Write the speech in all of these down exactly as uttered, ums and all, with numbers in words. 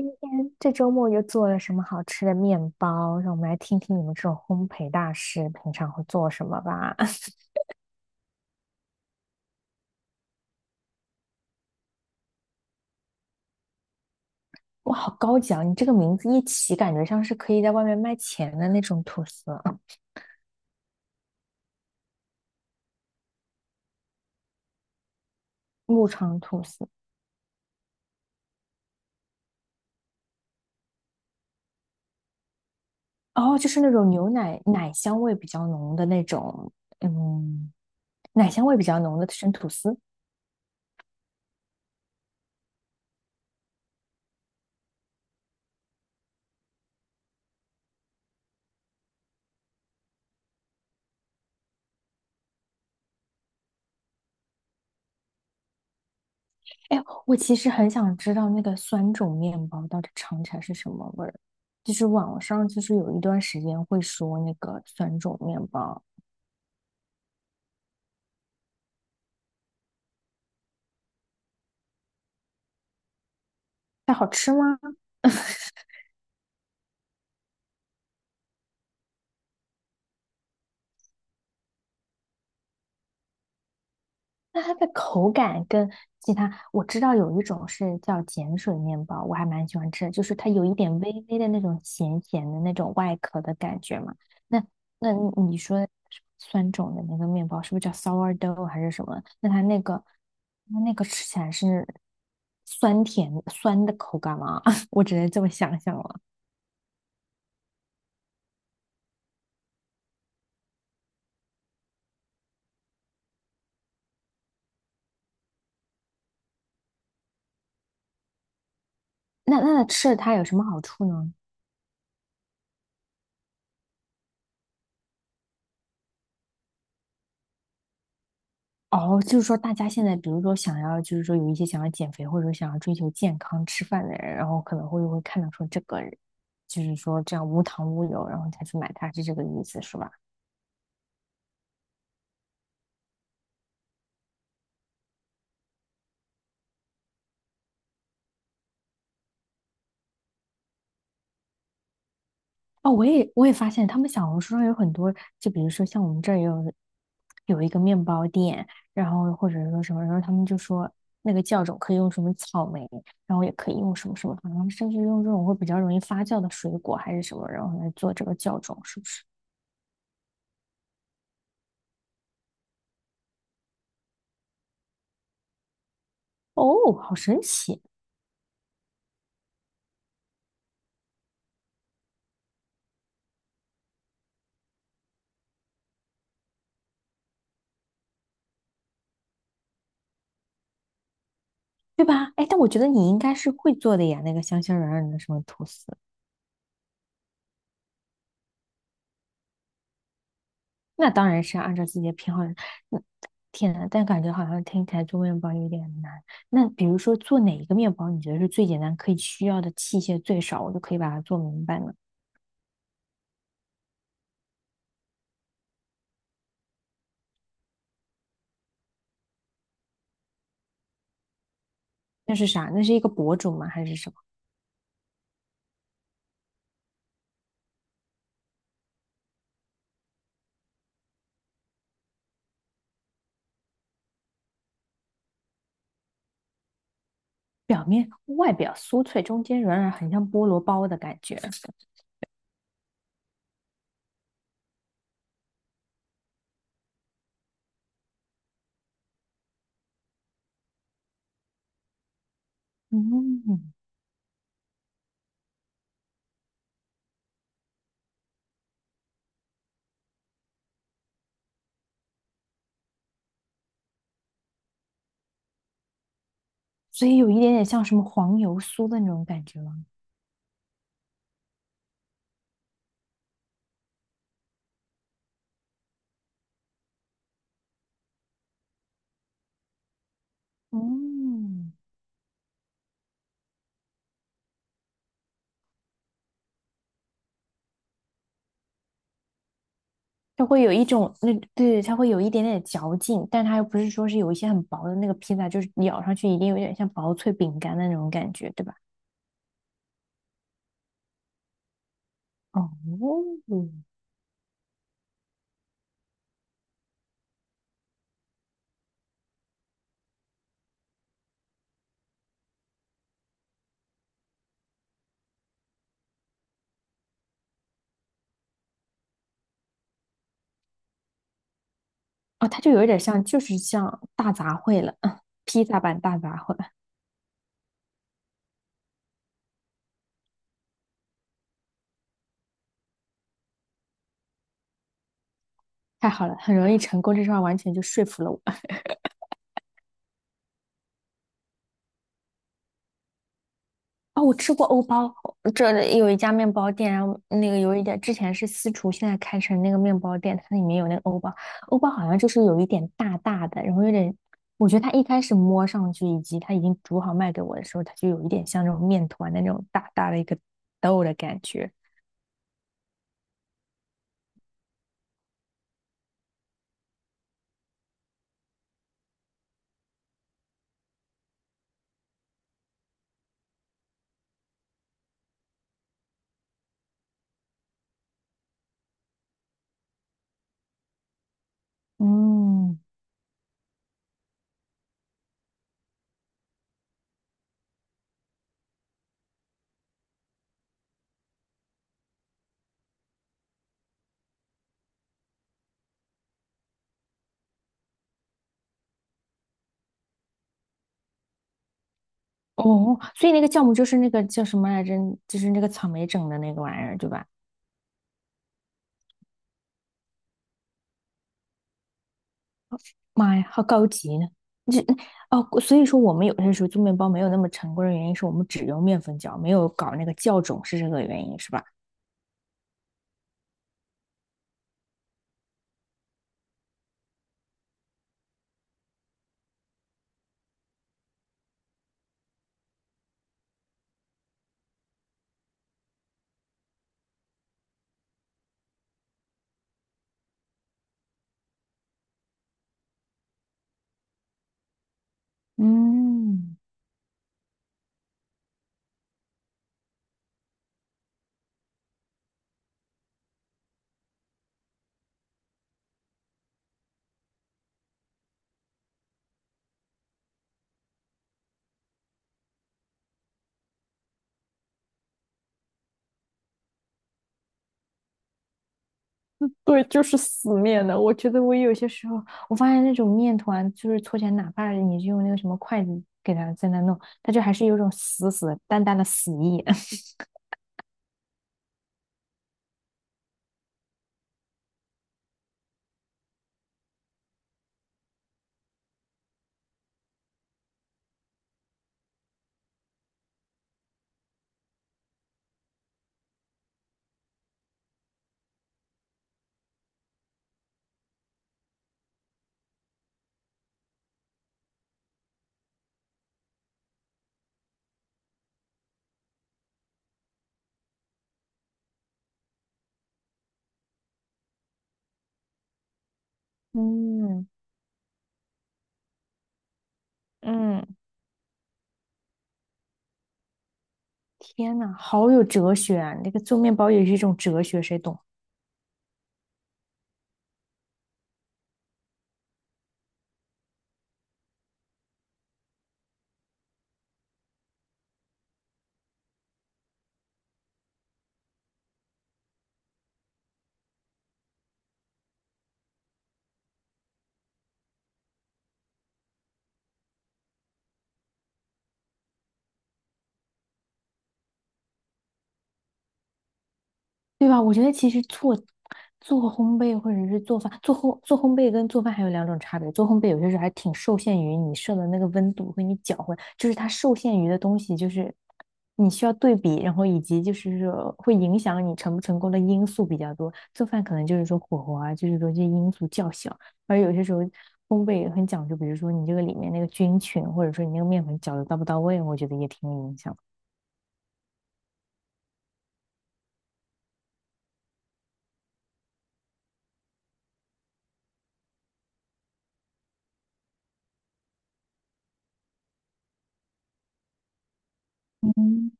天这周末又做了什么好吃的面包？让我们来听听你们这种烘焙大师平常会做什么吧。哇，好高级啊！你这个名字一起，感觉像是可以在外面卖钱的那种吐司，牧场吐司。哦，就是那种牛奶奶香味比较浓的那种，嗯，奶香味比较浓的生吐司。哎，我其实很想知道那个酸种面包到底尝起来是什么味儿。就是网上就是有一段时间会说那个酸种面包。它好吃吗？那它的口感跟其他，我知道有一种是叫碱水面包，我还蛮喜欢吃的，就是它有一点微微的那种咸咸的那种外壳的感觉嘛。那那你说酸种的那个面包是不是叫 sourdough 还是什么？那它那个那那个吃起来是酸甜酸的口感吗？我只能这么想象了。那那吃了它有什么好处呢？哦，就是说，大家现在比如说想要，就是说有一些想要减肥或者说想要追求健康吃饭的人，然后可能会会看到说这个，就是说这样无糖无油，然后才去买它，是这个意思是吧？哦，我也我也发现他们小红书上有很多，就比如说像我们这儿也有有一个面包店，然后或者说什么，然后他们就说那个酵种可以用什么草莓，然后也可以用什么什么，好像甚至用这种会比较容易发酵的水果还是什么，然后来做这个酵种，是不是？哦，好神奇！对吧？哎，但我觉得你应该是会做的呀，那个香香软软的什么吐司，那当然是按照自己的偏好。嗯，天呐，但感觉好像听起来做面包有点难。那比如说做哪一个面包，你觉得是最简单，可以需要的器械最少，我就可以把它做明白呢？那是啥？那是一个博主吗？还是什么？表面外表酥脆，中间软软，很像菠萝包的感觉。嗯，所以有一点点像什么黄油酥的那种感觉吗？嗯。它会有一种那对，它会有一点点嚼劲，但它又不是说是有一些很薄的那个披萨，就是咬上去一定有点像薄脆饼干的那种感觉，对吧？哦，哦，它就有一点像，就是像大杂烩了，披萨版大杂烩。太好了，很容易成功，这句话完全就说服了我。哦，我吃过欧包，这里有一家面包店，然后那个有一点之前是私厨，现在开成那个面包店，它里面有那个欧包，欧包好像就是有一点大大的，然后有点，我觉得它一开始摸上去以及它已经煮好卖给我的时候，它就有一点像那种面团的那种大大的一个豆的感觉。嗯，哦，所以那个酵母就是那个叫什么来着？就是那个草莓整的那个玩意儿，对吧？妈呀，好高级呢！这哦，所以说我们有些时候做面包没有那么成功的原因是我们只用面粉酵，没有搞那个酵种，是这个原因是吧？嗯，对，就是死面的。我觉得我有些时候，我发现那种面团，就是搓起来，哪怕你是用那个什么筷子给它在那弄，它就还是有种死死淡淡的死意。嗯嗯，天呐，好有哲学啊！那个做面包也是一种哲学，谁懂？对吧？我觉得其实做做烘焙或者是做饭，做烘做烘焙跟做饭还有两种差别。做烘焙有些时候还挺受限于你设的那个温度和你搅和，就是它受限于的东西，就是你需要对比，然后以及就是说会影响你成不成功的因素比较多。做饭可能就是说火候啊，就是说这些因素较小，而有些时候烘焙也很讲究，比如说你这个里面那个菌群，或者说你那个面粉搅的到不到位，我觉得也挺有影响。嗯。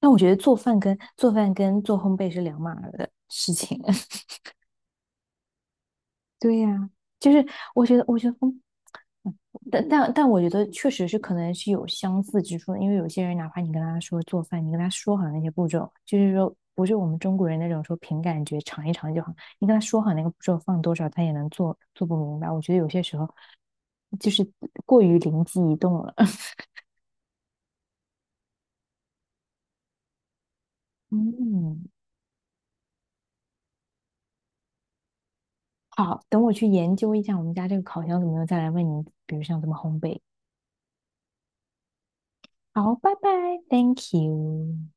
那我觉得做饭跟做饭跟做烘焙是两码儿的事情。对呀、就是我觉得，我觉得烘但但但我觉得确实是可能是有相似之处的，因为有些人哪怕你跟他说做饭，你跟他说好那些步骤，就是说不是我们中国人那种说凭感觉尝一尝就好，你跟他说好那个步骤放多少，他也能做做不明白。我觉得有些时候就是过于灵机一动了。嗯，好，等我去研究一下我们家这个烤箱怎么样，再来问你，比如像怎么烘焙。好，拜拜，Thank you。